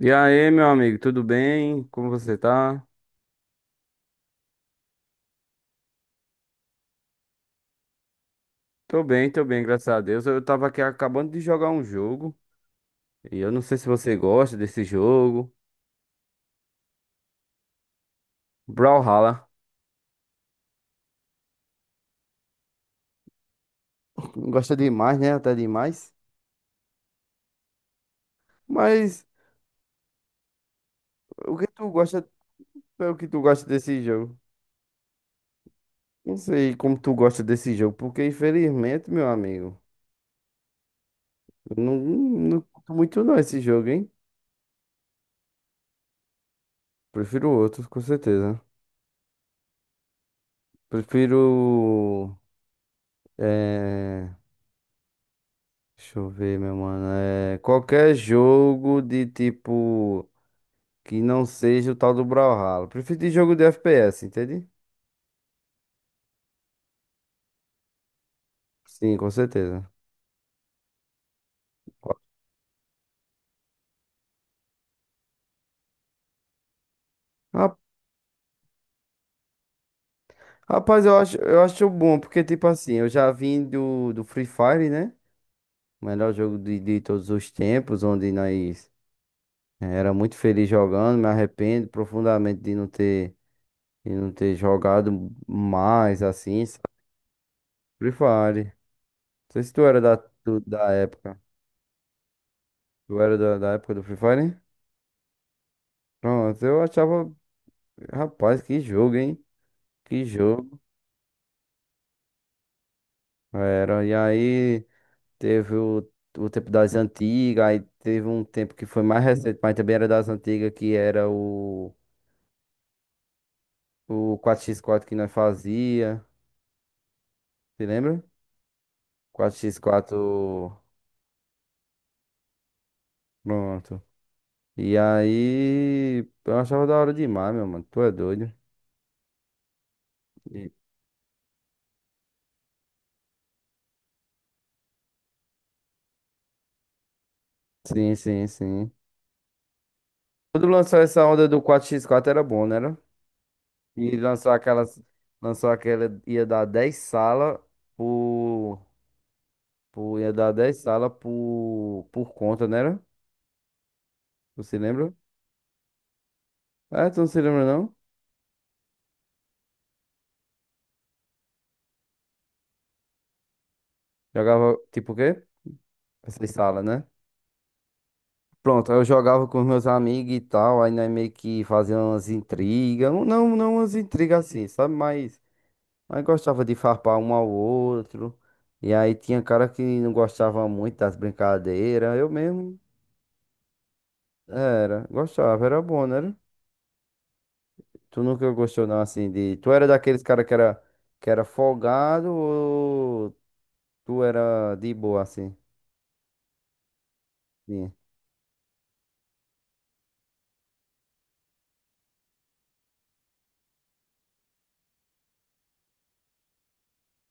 E aí, meu amigo, tudo bem? Como você tá? Tô bem, graças a Deus. Eu tava aqui acabando de jogar um jogo, e eu não sei se você gosta desse jogo. Brawlhalla. Gosta demais, né? Até demais. Mas o que tu gosta, o que tu gosta desse jogo? Não sei como tu gosta desse jogo, porque infelizmente, meu amigo, eu não curto muito não esse jogo, hein? Prefiro outros, com certeza. Prefiro. eh, Deixa eu ver, meu mano. É, qualquer jogo de tipo que não seja o tal do Brawlhalla. Prefiro de jogo de FPS, entende? Sim, com certeza. Ra- Rapaz, eu acho bom, porque tipo assim, eu já vim do Free Fire, né? O melhor jogo de todos os tempos, onde nós era muito feliz jogando, me arrependo profundamente de não ter jogado mais assim, sabe? Free Fire. Não sei se tu era da época. Tu era da época do Free Fire? Pronto, eu achava, rapaz, que jogo, hein? Que jogo. Era, e aí teve o tempo das antigas, aí teve um tempo que foi mais recente, mas também era das antigas, que era o quatro x quatro que nós fazia, se lembra? Quatro x quatro pronto. E aí, eu achava da hora demais, meu mano, tu é doido. E- Sim, sim, sim. Quando lançou essa onda do quatro x quatro era bom, né? E lançou aquelas. Lançou aquela. Ia dar 10 salas por, por. Ia dar 10 salas por. Por conta, né? Era? Você lembra? É, tu não se lembra, não? Jogava tipo o quê? Essas salas, né? Pronto, aí eu jogava com os meus amigos e tal. Aí nós meio que fazia umas intrigas. Não, umas intrigas assim, sabe? Mas. Mas gostava de farpar um ao outro. E aí tinha cara que não gostava muito das brincadeiras. Eu mesmo. Era, gostava, era bom, né? Tu nunca gostou não assim de. Tu era daqueles cara que era folgado ou tu era de boa assim? Sim.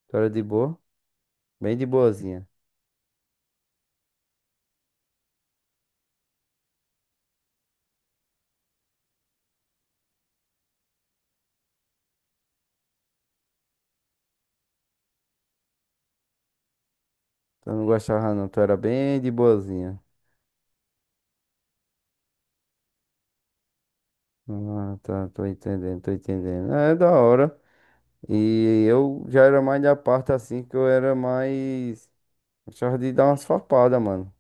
Tu era de boa? Bem de boazinha. Tu não gostava não, tu era bem de boazinha. Ah, tá, tô entendendo, tô entendendo. É é da hora. E eu já era mais da parte assim que eu era mais. Achava de dar umas farpadas, mano.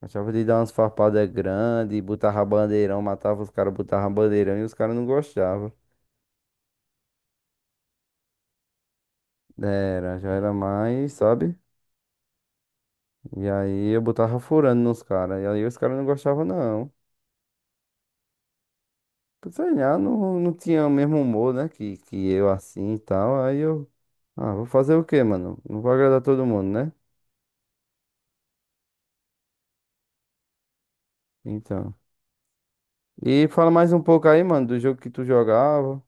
Achava de dar umas farpadas grandes, botava bandeirão, matava os caras, botava bandeirão e os caras não gostavam. Era, já era mais, sabe? E aí eu botava furando nos caras. E aí os caras não gostavam, não. Sei lá, não tinha o mesmo humor, né? Que eu assim e tal. Aí eu. Ah, vou fazer o quê, mano? Não vou agradar todo mundo, né? Então. E fala mais um pouco aí, mano, do jogo que tu jogava.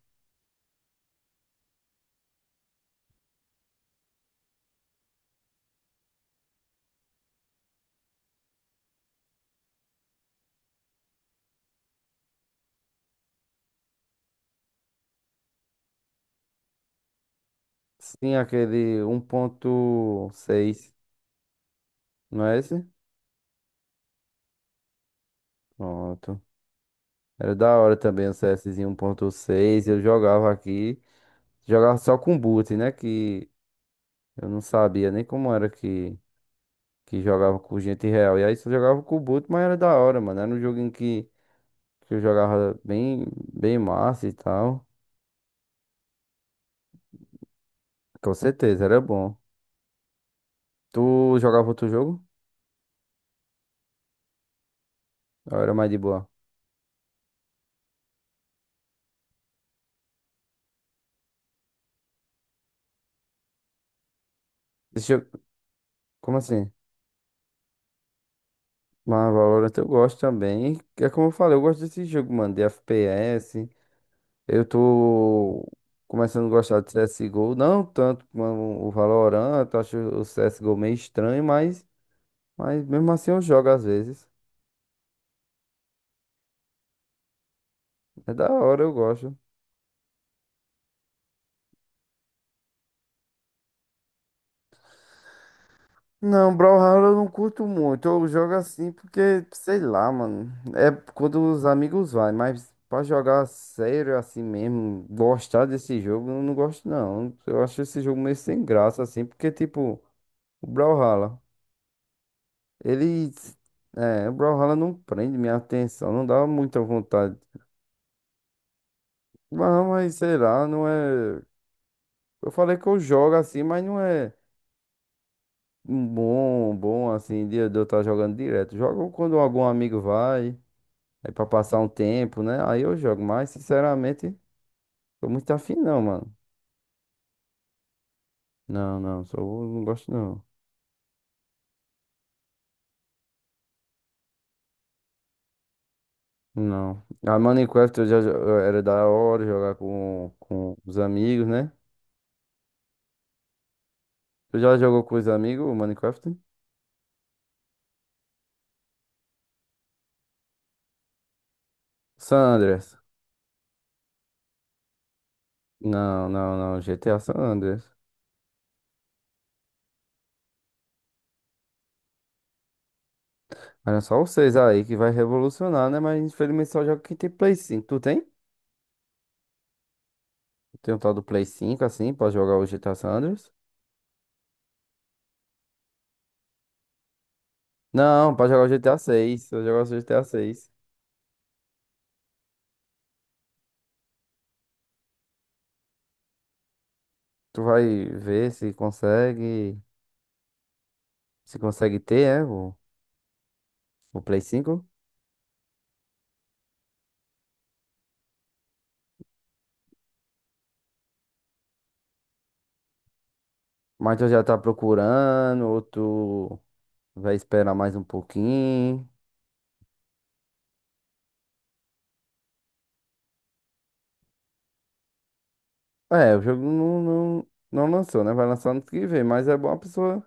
Sim, aquele um ponto seis não é esse? Pronto. Era da hora também o CSzinho um ponto seis. Eu jogava aqui. Jogava só com boot, né? Que eu não sabia nem como era que. Que jogava com gente real. E aí só jogava com o boot, mas era da hora, mano. Era um jogo em que eu jogava bem, bem massa e tal. Com certeza, era bom. Tu jogava outro jogo? Ou era mais de boa? Esse jogo, como assim? Mas Valorant eu gosto também. É como eu falei, eu gosto desse jogo, mano, de FPS. Eu tô começando a gostar de CSGO. Não tanto como o Valorant, eu acho o CSGO meio estranho, mas mesmo assim eu jogo às vezes. É da hora, eu gosto. Não, Brawlhalla eu não curto muito. Eu jogo assim porque, sei lá, mano. É quando os amigos vai, mas pra jogar sério assim mesmo, gostar desse jogo, eu não gosto não. Eu acho esse jogo meio sem graça assim, porque tipo, o Brawlhalla, ele é, o Brawlhalla não prende minha atenção, não dá muita vontade. Mas sei lá, não é. Eu falei que eu jogo assim, mas não é um bom assim, de eu estar jogando direto. Jogo quando algum amigo vai. Aí pra passar um tempo, né? Aí eu jogo, mas sinceramente, tô muito afim não, mano. Não, só não gosto não. Não. A Minecraft eu já eu era da hora jogar com os amigos, né? Tu já jogou com os amigos o Minecraft? San Andreas. Não, não, não, GTA San Andreas. Olha só vocês aí que vai revolucionar, né? Mas infelizmente só joga quem tem Play 5. Tu tem? Tem um tal do Play 5 assim pra jogar o GTA San Andreas? Não, pra jogar o GTA seis. Eu jogar o GTA seis. Tu vai ver se consegue, se consegue ter, o Play 5. Mas tu já tá procurando, ou tu vai esperar mais um pouquinho. É, o jogo não lançou, né? Vai lançar ano que vem, mas é bom a pessoa,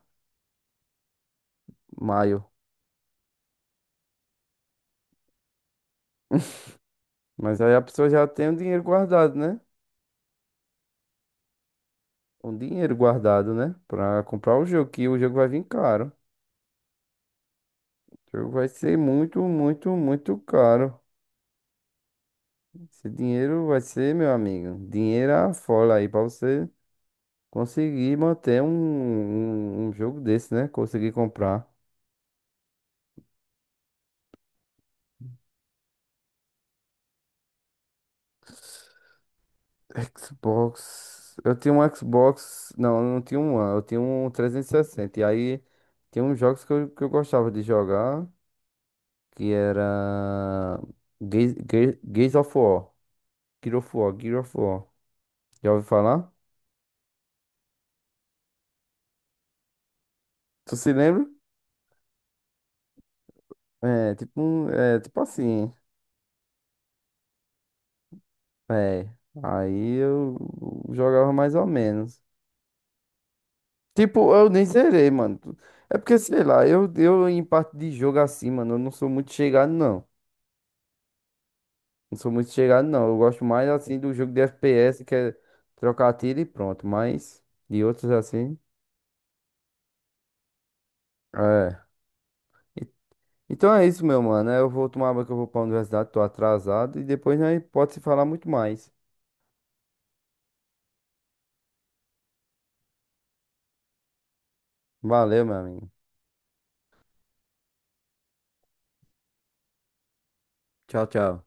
maio. Mas aí a pessoa já tem o dinheiro guardado, né? O dinheiro guardado, né? Pra comprar o jogo, que o jogo vai vir caro. O jogo vai ser muito, muito, muito caro. Esse dinheiro vai ser, meu amigo, dinheiro à folha aí pra você. Consegui manter um jogo desse, né? Consegui comprar. Xbox. Eu tinha um Xbox. Não, eu não tinha um One, eu tinha um trezentos e sessenta. E aí tinha uns jogos que eu gostava de jogar, que era Gears, Gears of War. Gears of War. Já ouviu falar? Tu se lembra? É, tipo, é, tipo assim. É. Aí eu jogava mais ou menos. Tipo, eu nem zerei, mano. É porque, sei lá, eu em parte de jogo assim, mano, eu não sou muito chegado, não. Não sou muito chegado, não. Eu gosto mais, assim, do jogo de FPS, que é trocar tiro e pronto. Mas de outros, assim, é. E- Então é isso, meu mano. Eu vou tomar banho que eu vou pra universidade, tô atrasado. E depois nós pode se falar muito mais. Valeu, meu amigo. Tchau, tchau.